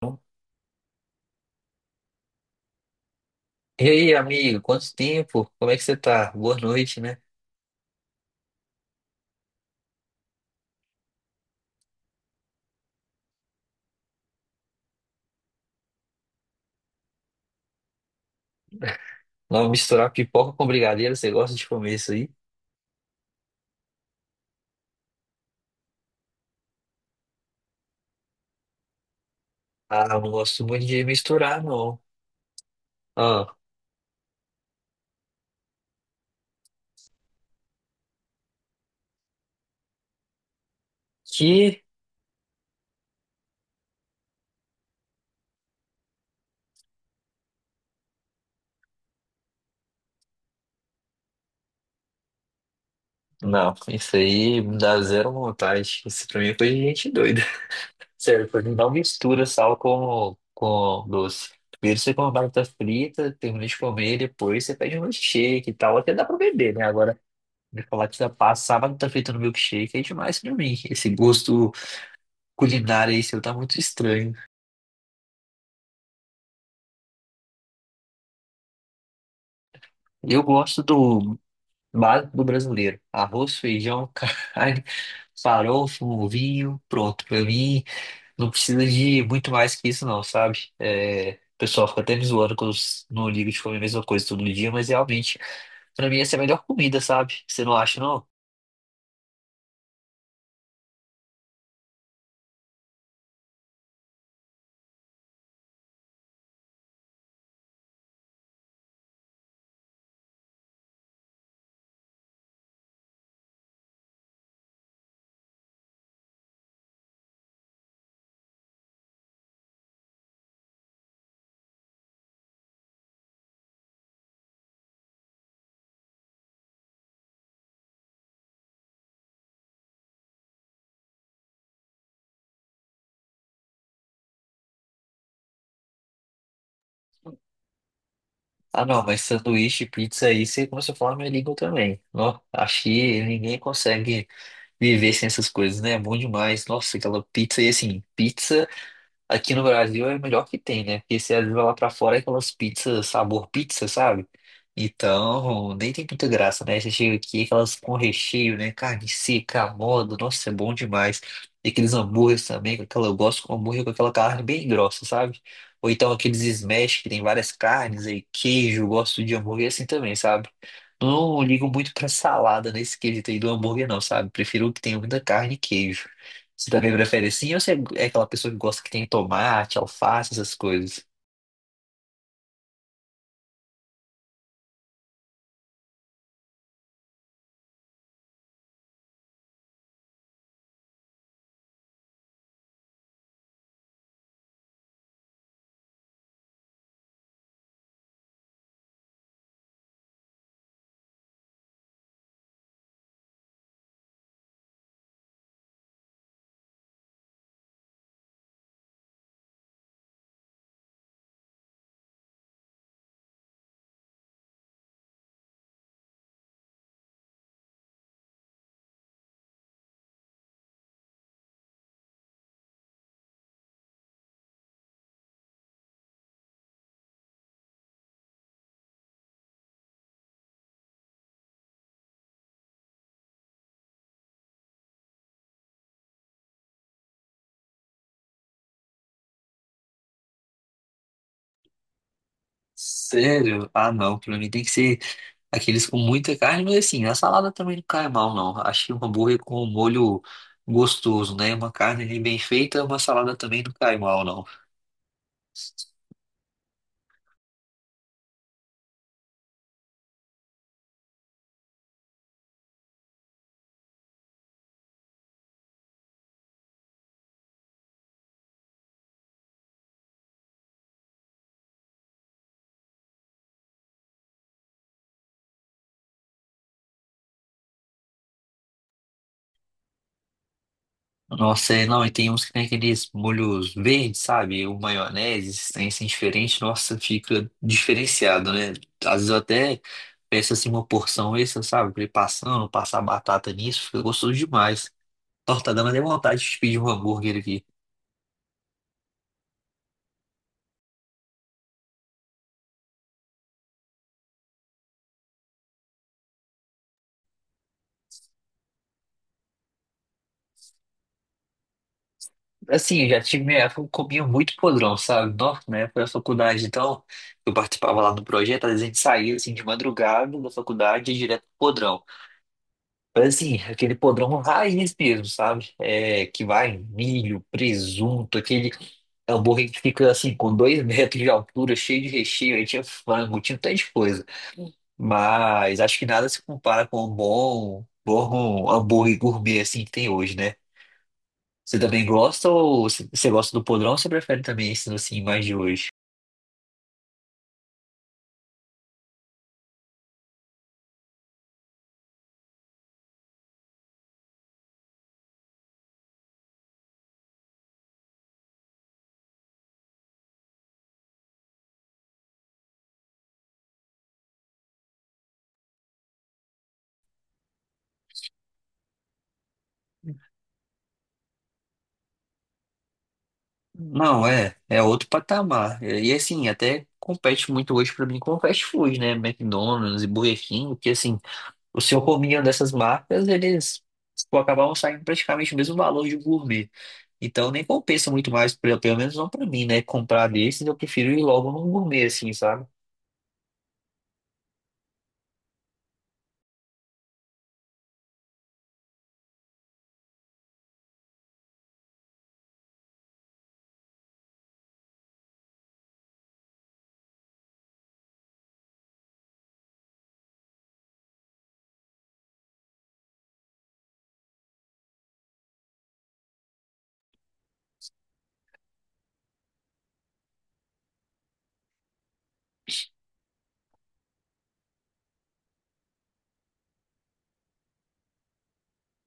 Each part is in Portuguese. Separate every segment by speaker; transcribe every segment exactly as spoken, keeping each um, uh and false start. Speaker 1: Então, e aí, amigo, quanto tempo? Como é que você tá? Boa noite, né? Vamos misturar pipoca com brigadeiro, você gosta de comer isso aí? Ah, eu não gosto muito de misturar, não. Ah, que... Não, isso aí me dá zero vontade. Isso pra mim é coisa de gente doida. Sério, pra mim não mistura sal com, com doce. Primeiro você come uma batata frita, termina de comer, depois você pede um milkshake e tal. Até dá pra beber, né? Agora, de falar que você passar a batata frita no milkshake é demais pra mim. Esse gosto... culinária aí seu tá muito estranho. Eu gosto do básico do brasileiro. Arroz, feijão, carne, farofa, um vinho, pronto. Pra mim, não precisa de muito mais que isso não, sabe? É, o pessoal fica até me zoando que eu s- não ligo de comer a mesma coisa todo dia, mas realmente, pra mim essa é a melhor comida, sabe? Você não acha, não? Ah, não, mas sanduíche, pizza aí, você começou a falar minha língua também. Ó, acho que ninguém consegue viver sem essas coisas, né? É bom demais. Nossa, aquela pizza e assim, pizza. Aqui no Brasil é o melhor que tem, né? Porque você às vezes vai lá pra fora é aquelas pizzas, sabor pizza, sabe? Então, nem tem muita graça, né? Você chega aqui, aquelas com recheio, né? Carne seca, à moda, nossa, é bom demais. E aqueles hambúrgueres também, com aquela, eu gosto com hambúrguer com aquela carne bem grossa, sabe? Ou então aqueles smash que tem várias carnes aí, queijo, eu gosto de hambúrguer assim também, sabe? Não ligo muito pra salada nesse quesito aí do hambúrguer, não, sabe? Prefiro que tenha muita carne e queijo. Você também prefere assim ou você é aquela pessoa que gosta que tem tomate, alface, essas coisas? Sério? Ah, não. Pra mim tem que ser aqueles com muita carne, mas assim, a salada também não cai mal, não. Acho que um hambúrguer com um molho gostoso, né? Uma carne ali bem feita, uma salada também não cai mal, não. Nossa, é, não, e tem uns que tem aqueles molhos verdes, sabe? O maionese, esses trem assim diferente, nossa, fica diferenciado, né? Às vezes eu até peço assim uma porção extra, sabe? Pra ir passando, passar batata nisso, fica gostoso demais. Nossa, tá dando até vontade de pedir um hambúrguer aqui. Assim, eu já tive minha época, eu comia muito podrão, sabe? Nossa, na época da faculdade, então, eu participava lá do projeto, às vezes a gente saía assim de madrugada da faculdade e ia direto pro podrão. Mas assim, aquele podrão raiz mesmo, sabe? É, que vai milho, presunto, aquele hambúrguer que fica assim, com dois metros de altura, cheio de recheio, aí tinha frango, tinha um tanto de coisa. Mas acho que nada se compara com um bom, bom hambúrguer gourmet assim que tem hoje, né? Você também gosta ou c- você gosta do podrão ou você prefere também esse assim mais de hoje? Não, é, é outro patamar. E assim, até compete muito hoje pra mim com fast food, né? McDonald's e Burger King, porque assim. O seu cominho dessas marcas, eles pô, acabavam saindo praticamente o mesmo valor de um gourmet. Então nem compensa muito mais, pelo pelo menos não pra mim, né? Comprar desses, eu prefiro ir logo num gourmet, assim, sabe?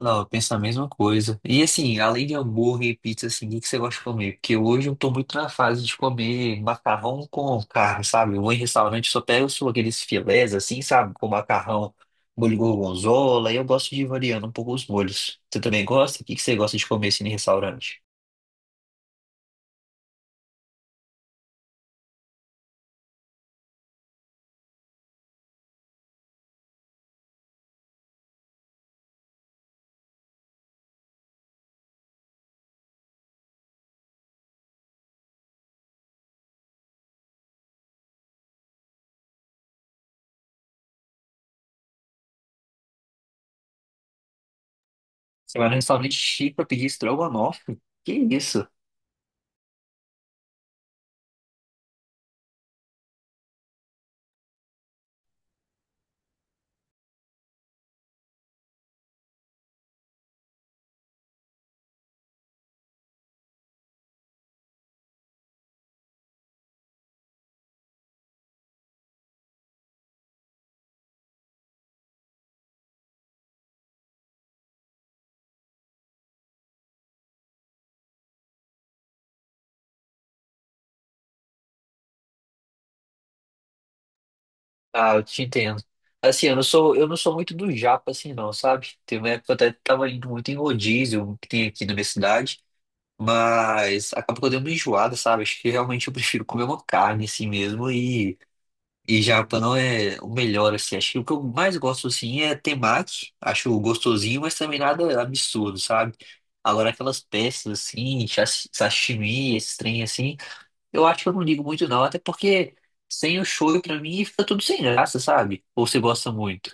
Speaker 1: Não, eu penso a mesma coisa. E assim, além de hambúrguer e pizza, assim, o que que você gosta de comer? Porque hoje eu tô muito na fase de comer macarrão com carne, sabe? Eu vou em restaurante, só pego só aqueles filés, assim, sabe? Com macarrão, molho gorgonzola, e eu gosto de ir variando um pouco os molhos. Você também gosta? O que que você gosta de comer, assim, em restaurante? Você vai num restaurante chique pra pedir estrogonofe? Que isso? Ah, eu te entendo. Assim, eu não sou, eu não sou muito do japa, assim, não, sabe? Teve uma época que eu até tava indo muito em rodízio que tem aqui na minha cidade, mas acaba que eu dei uma enjoada, sabe? Acho que realmente eu prefiro comer uma carne assim mesmo e, e japa não é o melhor, assim. Acho que o que eu mais gosto, assim, é temaki. Acho gostosinho, mas também nada absurdo, sabe? Agora aquelas peças, assim, sashi- sashimi, esses trem, assim. Eu acho que eu não ligo muito não, até porque sem o choro pra mim fica tudo sem graça, sabe? Ou você gosta muito.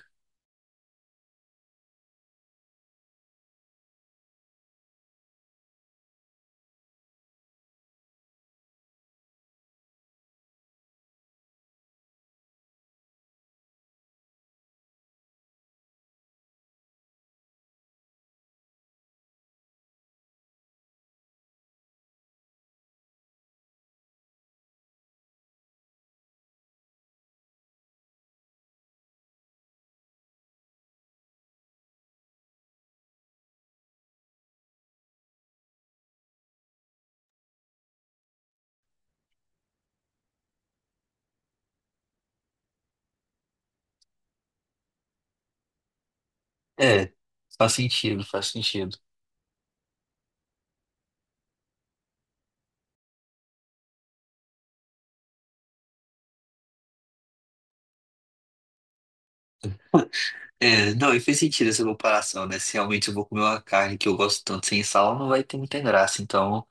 Speaker 1: É, faz sentido, faz sentido. É, não, e fez sentido essa comparação, né? Se realmente eu vou comer uma carne que eu gosto tanto sem sal, não vai ter muita graça. Então,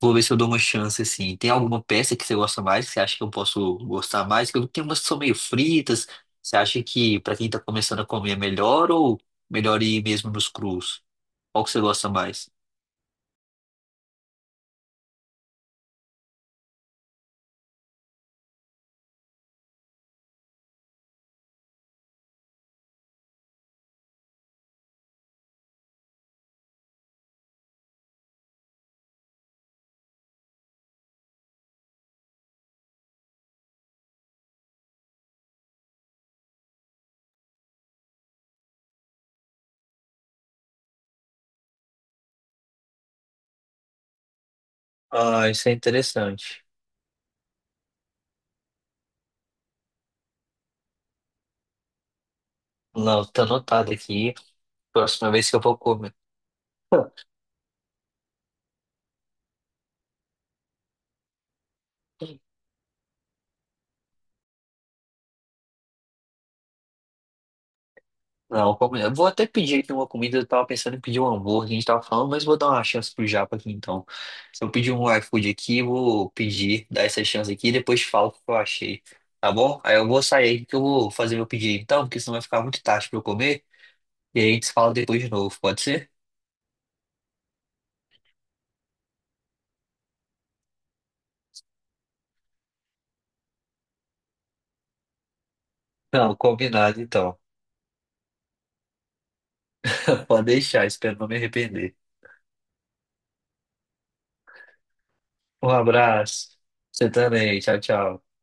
Speaker 1: vou ver se eu dou uma chance, assim. Tem alguma peça que você gosta mais, que você acha que eu posso gostar mais? Porque eu tenho umas que são meio fritas. Você acha que pra quem tá começando a comer é melhor ou melhor ir mesmo nos crus? Qual que você gosta mais? Ah, isso é interessante. Não, tá anotado aqui. Próxima vez que eu vou comer. Não, como- eu vou até pedir aqui uma comida. Eu tava pensando em pedir um hambúrguer, a gente tava falando, mas vou dar uma chance pro japa aqui então. Se eu pedir um iFood aqui, eu vou pedir, dar essa chance aqui e depois te falo o que eu achei. Tá bom? Aí eu vou sair aqui que eu vou fazer meu pedido então, porque senão vai ficar muito tarde pra eu comer. E aí a gente se fala depois de novo, pode ser? Não, combinado então. Pode deixar, espero não me arrepender. Um abraço. Você também. Tchau, tchau.